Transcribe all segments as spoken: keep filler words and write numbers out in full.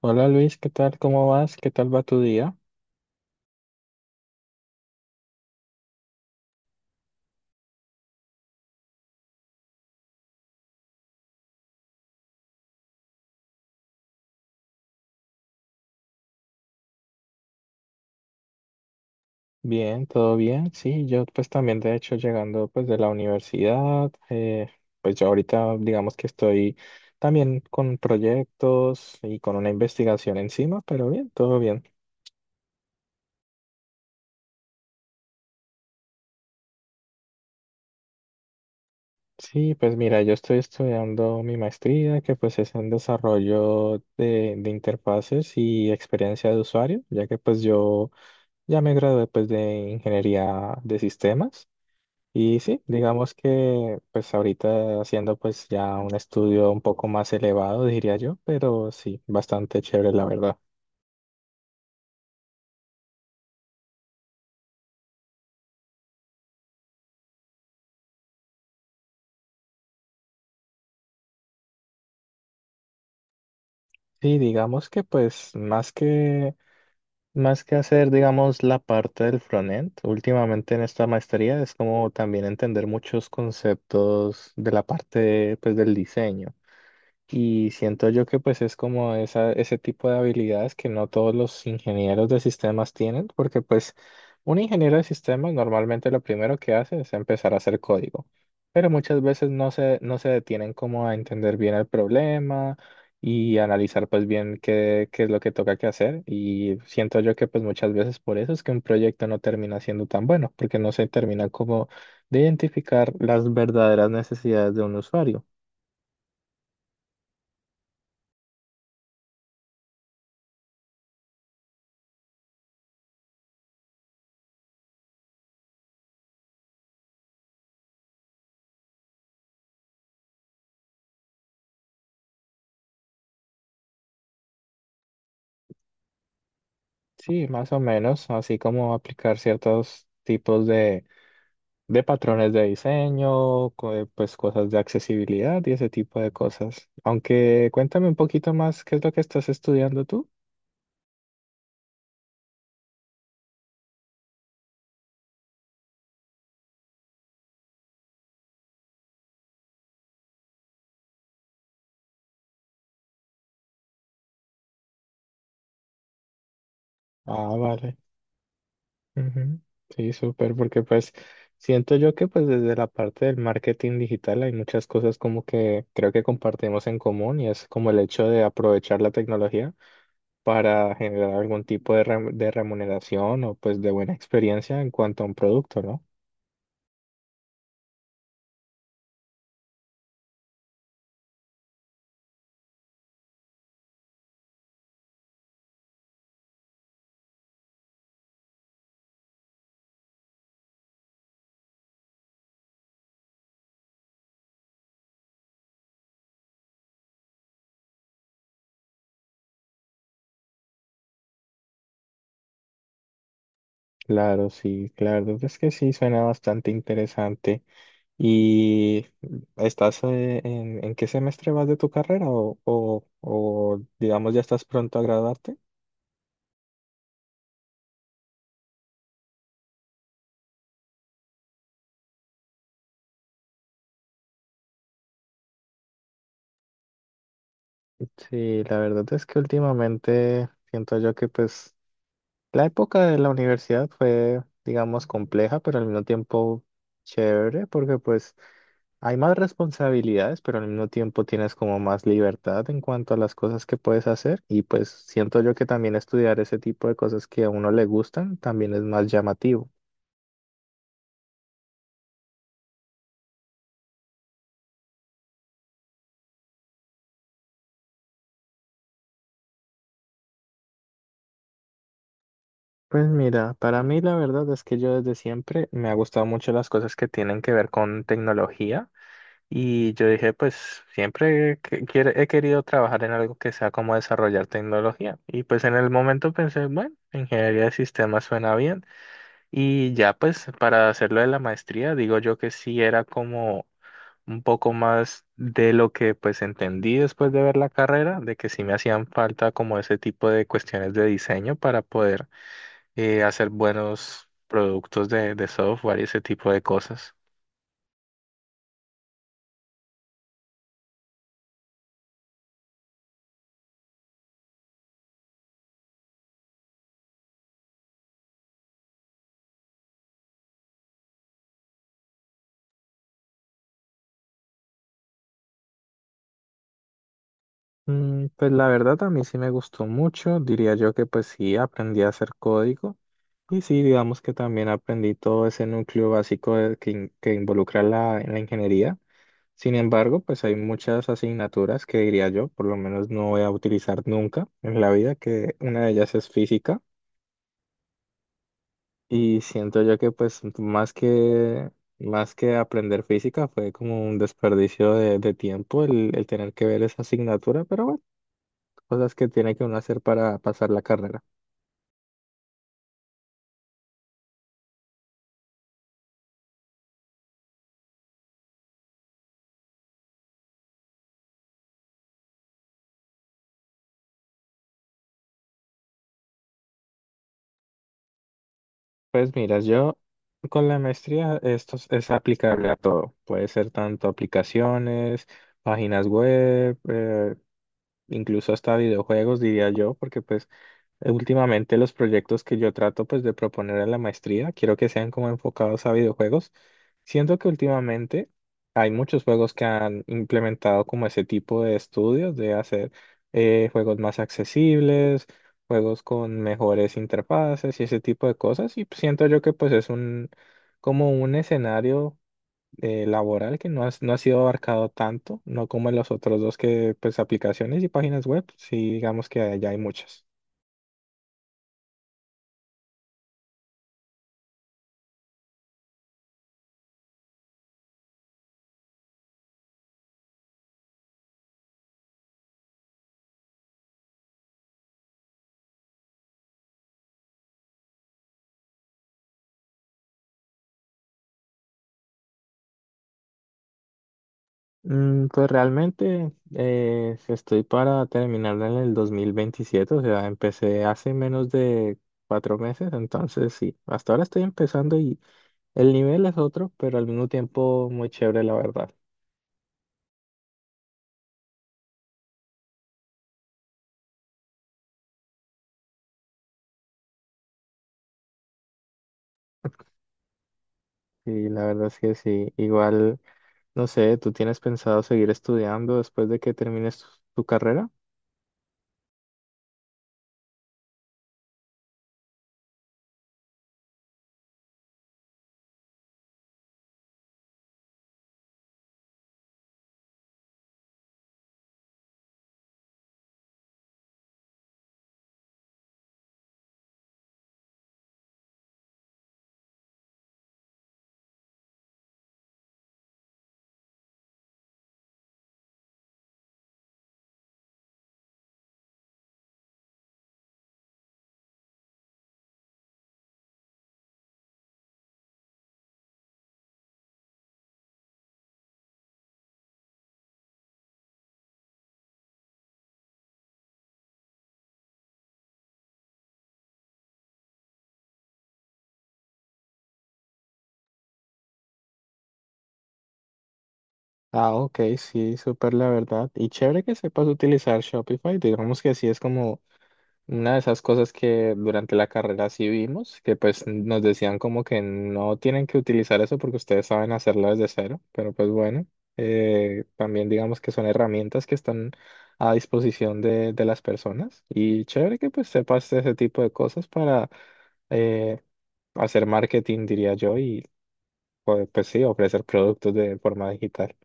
Hola Luis, ¿qué tal? ¿Cómo vas? ¿Qué tal va tu día? Bien, todo bien. Sí, yo pues también de hecho llegando pues de la universidad, eh, pues yo ahorita digamos que estoy también con proyectos y con una investigación encima, pero bien, todo bien. Sí, pues mira, yo estoy estudiando mi maestría que pues es en desarrollo de, de interfaces y experiencia de usuario, ya que pues yo ya me gradué pues de ingeniería de sistemas. Y sí, digamos que pues ahorita haciendo pues ya un estudio un poco más elevado, diría yo, pero sí, bastante chévere la verdad. Sí, digamos que pues más que más que hacer digamos la parte del frontend, últimamente en esta maestría es como también entender muchos conceptos de la parte pues del diseño. Y siento yo que pues es como esa, ese tipo de habilidades que no todos los ingenieros de sistemas tienen, porque pues un ingeniero de sistemas normalmente lo primero que hace es empezar a hacer código, pero muchas veces no se, no se detienen como a entender bien el problema y analizar pues bien qué, qué es lo que toca que hacer. Y siento yo que pues muchas veces por eso es que un proyecto no termina siendo tan bueno, porque no se termina como de identificar las verdaderas necesidades de un usuario. Sí, más o menos, así como aplicar ciertos tipos de, de patrones de diseño, co- eh, pues cosas de accesibilidad y ese tipo de cosas. Aunque cuéntame un poquito más qué es lo que estás estudiando tú. Ah, vale. Ujú. Sí, súper, porque pues siento yo que pues desde la parte del marketing digital hay muchas cosas como que creo que compartimos en común y es como el hecho de aprovechar la tecnología para generar algún tipo de, rem- de remuneración o pues de buena experiencia en cuanto a un producto, ¿no? Claro, sí, claro, es que sí, suena bastante interesante. ¿Y estás eh, en, en qué semestre vas de tu carrera o, o, o digamos ya estás pronto a graduarte? Sí, la verdad es que últimamente siento yo que pues la época de la universidad fue, digamos, compleja, pero al mismo tiempo chévere, porque pues hay más responsabilidades, pero al mismo tiempo tienes como más libertad en cuanto a las cosas que puedes hacer y pues siento yo que también estudiar ese tipo de cosas que a uno le gustan también es más llamativo. Pues mira, para mí la verdad es que yo desde siempre me ha gustado mucho las cosas que tienen que ver con tecnología y yo dije pues siempre que- quiere- he querido trabajar en algo que sea como desarrollar tecnología y pues en el momento pensé, bueno, ingeniería de sistemas suena bien. Y ya pues para hacerlo de la maestría, digo yo que sí era como un poco más de lo que pues entendí después de ver la carrera, de que sí me hacían falta como ese tipo de cuestiones de diseño para poder eh, hacer buenos productos de, de software y ese tipo de cosas. Mm, Pues la verdad a mí sí me gustó mucho, diría yo que pues sí aprendí a hacer código y sí digamos que también aprendí todo ese núcleo básico de- que, in- que involucra la, la ingeniería. Sin embargo, pues hay muchas asignaturas que diría yo, por lo menos no voy a utilizar nunca en la vida, que una de ellas es física y siento yo que pues más que más que aprender física fue como un desperdicio de, de tiempo el, el tener que ver esa asignatura, pero bueno, cosas que tiene que uno hacer para pasar la carrera. Pues mira, yo con la maestría esto es es aplicable a todo, puede ser tanto aplicaciones, páginas web, eh, incluso hasta videojuegos, diría yo, porque pues eh, últimamente los proyectos que yo trato pues de proponer en la maestría, quiero que sean como enfocados a videojuegos. Siento que últimamente hay muchos juegos que han implementado como ese tipo de estudios de hacer eh, juegos más accesibles, juegos con mejores interfaces y ese tipo de cosas. Y siento yo que pues es un como un escenario eh, laboral que no ha, no ha sido abarcado tanto, no como en los otros dos que, pues, aplicaciones y páginas web, sí, digamos que allá hay muchas. Mm, pues realmente eh, estoy para terminarla en el dos mil veintisiete, o sea, empecé hace menos de cuatro meses, entonces sí, hasta ahora estoy empezando y el nivel es otro, pero al mismo tiempo muy chévere, la verdad. Y la verdad es que sí, igual, no sé, ¿tú tienes pensado seguir estudiando después de que termines tu tu carrera? Ah, ok, sí, súper la verdad. Y chévere que sepas utilizar Shopify. Digamos que sí es como una de esas cosas que durante la carrera sí vimos, que pues nos decían como que no tienen que utilizar eso porque ustedes saben hacerlo desde cero, pero pues bueno, eh, también digamos que son herramientas que están a disposición de, de las personas. Y chévere que pues sepas ese tipo de cosas para eh, hacer marketing, diría yo, y pues pues, sí, ofrecer productos de forma digital.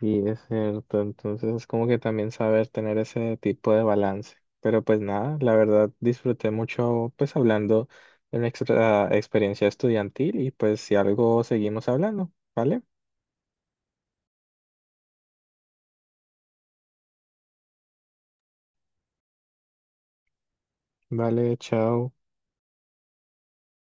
Sí, es cierto. Entonces es como que también saber tener ese tipo de balance. Pero pues nada, la verdad disfruté mucho pues hablando de nuestra experiencia estudiantil y pues si algo seguimos hablando, ¿vale? Vale, chao.